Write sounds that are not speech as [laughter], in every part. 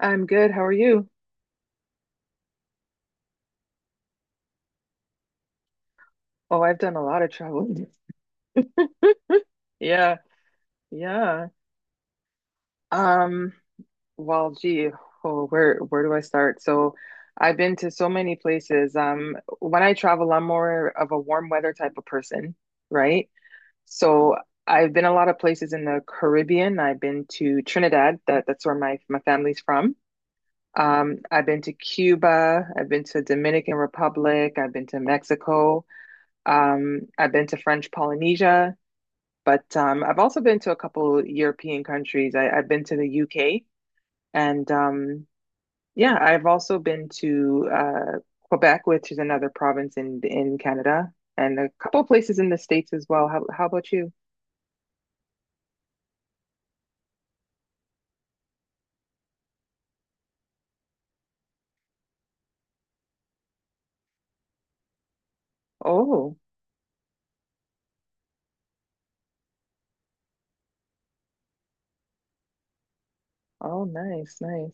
I'm good. How are you? Oh, I've done a lot of traveling. [laughs] Yeah, yeah. Um, well, gee, oh, where do I start? So, I've been to so many places. When I travel, I'm more of a warm weather type of person, right? So, I've been a lot of places in the Caribbean. I've been to Trinidad. That's where my family's from. I've been to Cuba. I've been to Dominican Republic. I've been to Mexico. I've been to French Polynesia. But I've also been to a couple European countries. I've been to the UK and yeah, I've also been to Quebec, which is another province in Canada, and a couple places in the States as well. How about you? Oh, oh, nice, nice.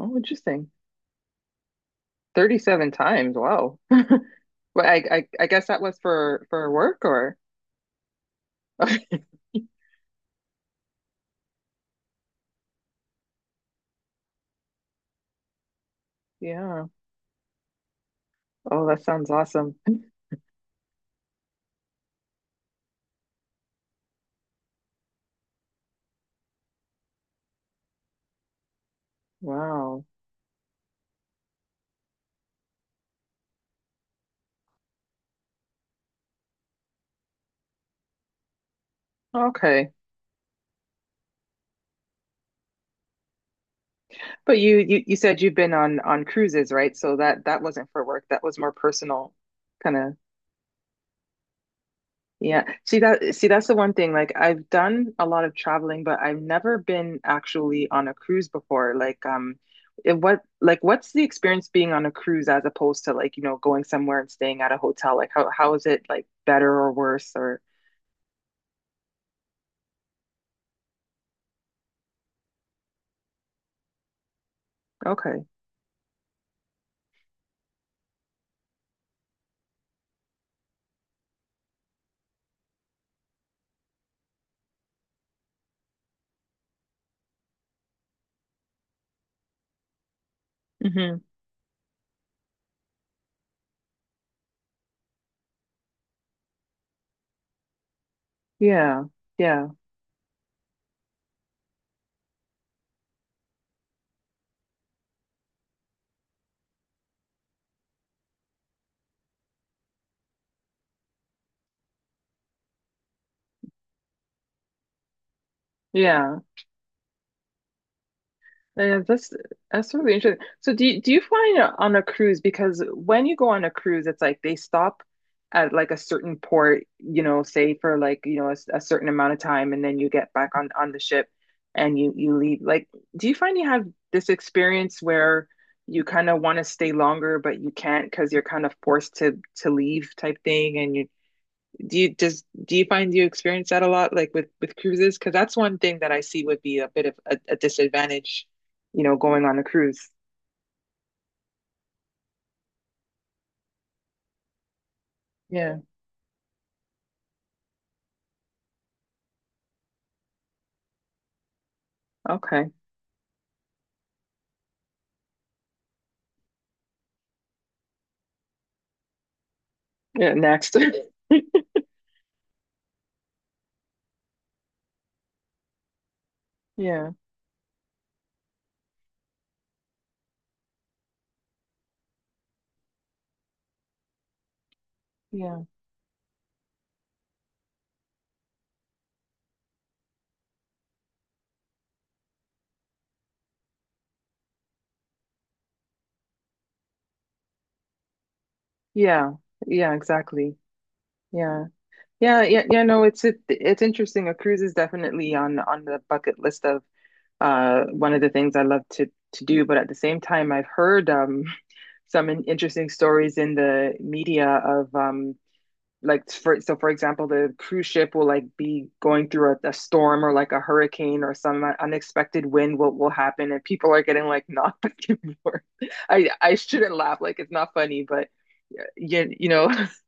Oh, interesting. 37 times. Wow. [laughs] Well, I guess that was for work or [laughs] yeah. Oh, that sounds awesome. [laughs] Wow. Okay. But you said you've been on cruises, right? So that wasn't for work. That was more personal kind of yeah. See that see that's the one thing. Like I've done a lot of traveling, but I've never been actually on a cruise before. Like what like what's the experience being on a cruise as opposed to like, you know, going somewhere and staying at a hotel? Like how is it like better or worse or okay. Hmm. Yeah. Yeah. Yeah. Yeah, that's really interesting. So do you find on a cruise, because when you go on a cruise, it's like they stop at like a certain port, you know, say for like, you know, a certain amount of time and then you get back on the ship and you leave. Like, do you find you have this experience where you kind of want to stay longer but you can't because you're kind of forced to leave type thing, and you do you find you experience that a lot, like with cruises? Because that's one thing that I see would be a bit of a disadvantage, you know, going on a cruise. Yeah. Okay. Yeah. Next. [laughs] Yeah. Yeah. Yeah. Yeah. Exactly. Yeah. Yeah. Yeah. Yeah. No, it's interesting. A cruise is definitely on the bucket list of one of the things I love to do. But at the same time, I've heard [laughs] some interesting stories in the media of like for so for example the cruise ship will like be going through a storm or like a hurricane or some unexpected wind what will happen and people are getting like [laughs] knocked back and forth [laughs] I shouldn't laugh like it's not funny but yeah you know [laughs]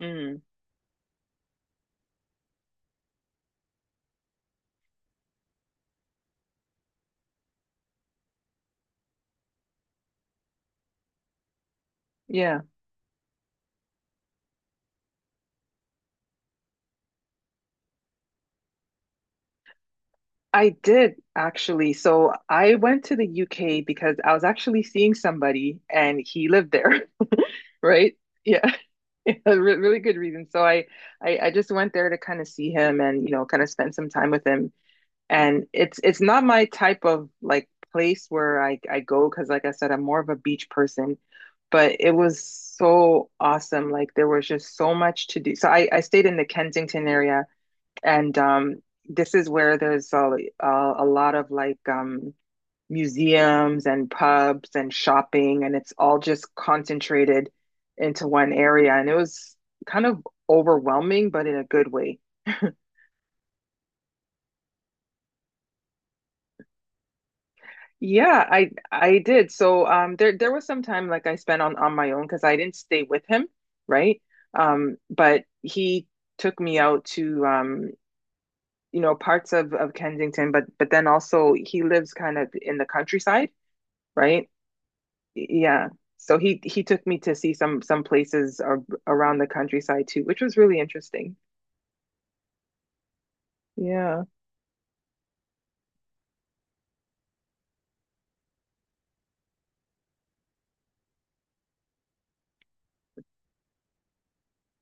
Mm, yeah. I did actually. So I went to the UK because I was actually seeing somebody and he lived there. [laughs] Right, yeah. [laughs] A really good reason. So I just went there to kind of see him and you know kind of spend some time with him, and it's not my type of like place where I go because like I said I'm more of a beach person, but it was so awesome. Like there was just so much to do. So I stayed in the Kensington area, and this is where there's a lot of like museums and pubs and shopping, and it's all just concentrated into one area, and it was kind of overwhelming but in a good way. Yeah, I did. So there was some time like I spent on my own because I didn't stay with him, right? But he took me out to you know parts of Kensington, but then also he lives kind of in the countryside, right? Yeah. So he took me to see some places ar around the countryside too, which was really interesting. Yeah.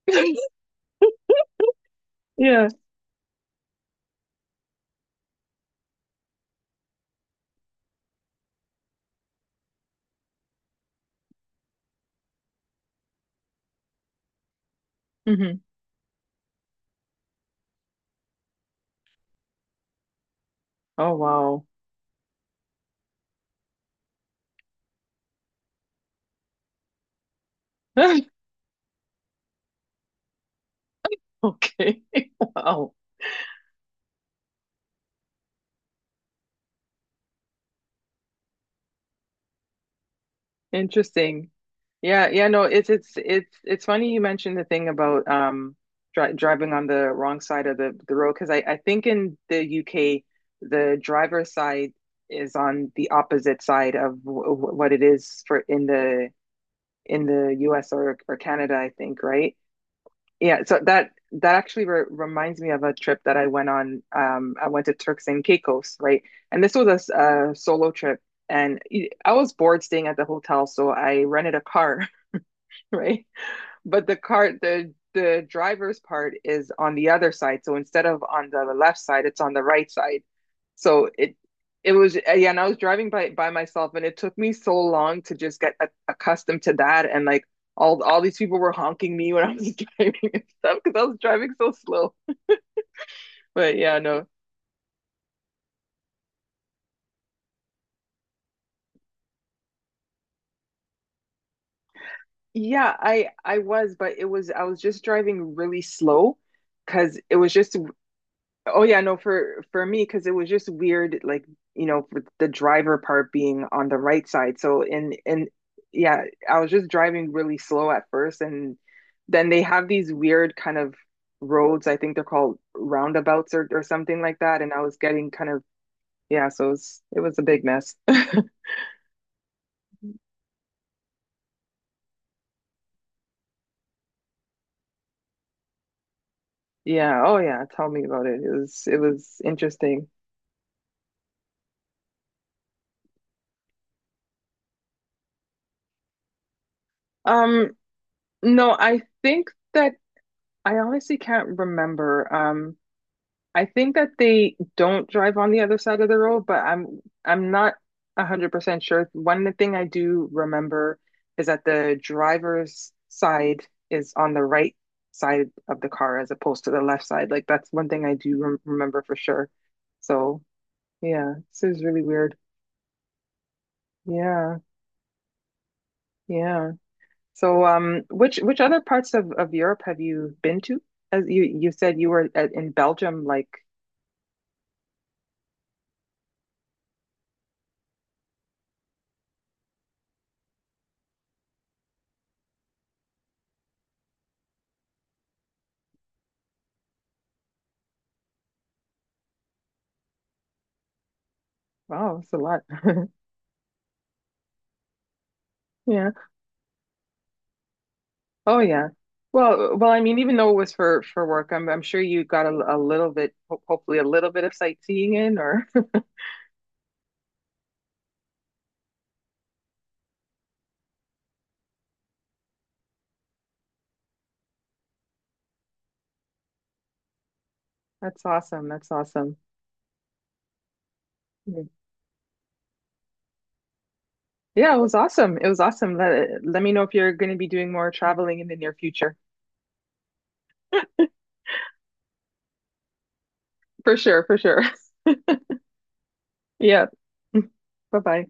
[laughs] Yeah. Hmm. Oh wow. [laughs] Okay. [laughs] Wow. Interesting. Yeah, yeah, no, it's funny you mentioned the thing about driving on the wrong side of the road, because I think in the UK the driver's side is on the opposite side of what it is for in the US or Canada I think, right? Yeah, so that that actually re reminds me of a trip that I went on. I went to Turks and Caicos, right? And this was a solo trip, and I was bored staying at the hotel, so I rented a car, [laughs] right? But the car, the driver's part is on the other side. So instead of on the left side, it's on the right side. So it was yeah, and I was driving by myself, and it took me so long to just get accustomed to that. And like all these people were honking me when I was [laughs] driving and stuff because I was driving so slow. But yeah, no, yeah, I was, but it was I was just driving really slow because it was just. Oh yeah, no, for me, because it was just weird, like, you know, with the driver part being on the right side. So and yeah, I was just driving really slow at first, and then they have these weird kind of roads. I think they're called roundabouts or something like that. And I was getting kind of yeah, so it was a big mess. [laughs] Yeah, oh yeah, tell me about it. It was interesting. Um, no, I think that I honestly can't remember. I think that they don't drive on the other side of the road, but I'm not 100% sure. One thing I do remember is that the driver's side is on the right side of the car as opposed to the left side. Like that's one thing I do remember for sure. So, yeah, this is really weird. Yeah, yeah. So, which other parts of Europe have you been to? As you said you were at, in Belgium, like wow, it's a lot. [laughs] Yeah. Oh yeah. Well, well, I mean, even though it was for work, I'm sure you got a little bit, hopefully a little bit of sightseeing in, or [laughs] that's awesome. That's awesome. Yeah, yeah, it was awesome. It was awesome. Let me know if you're going to be doing more traveling in the near future. For sure, for sure. [laughs] Yeah. [laughs] Bye-bye.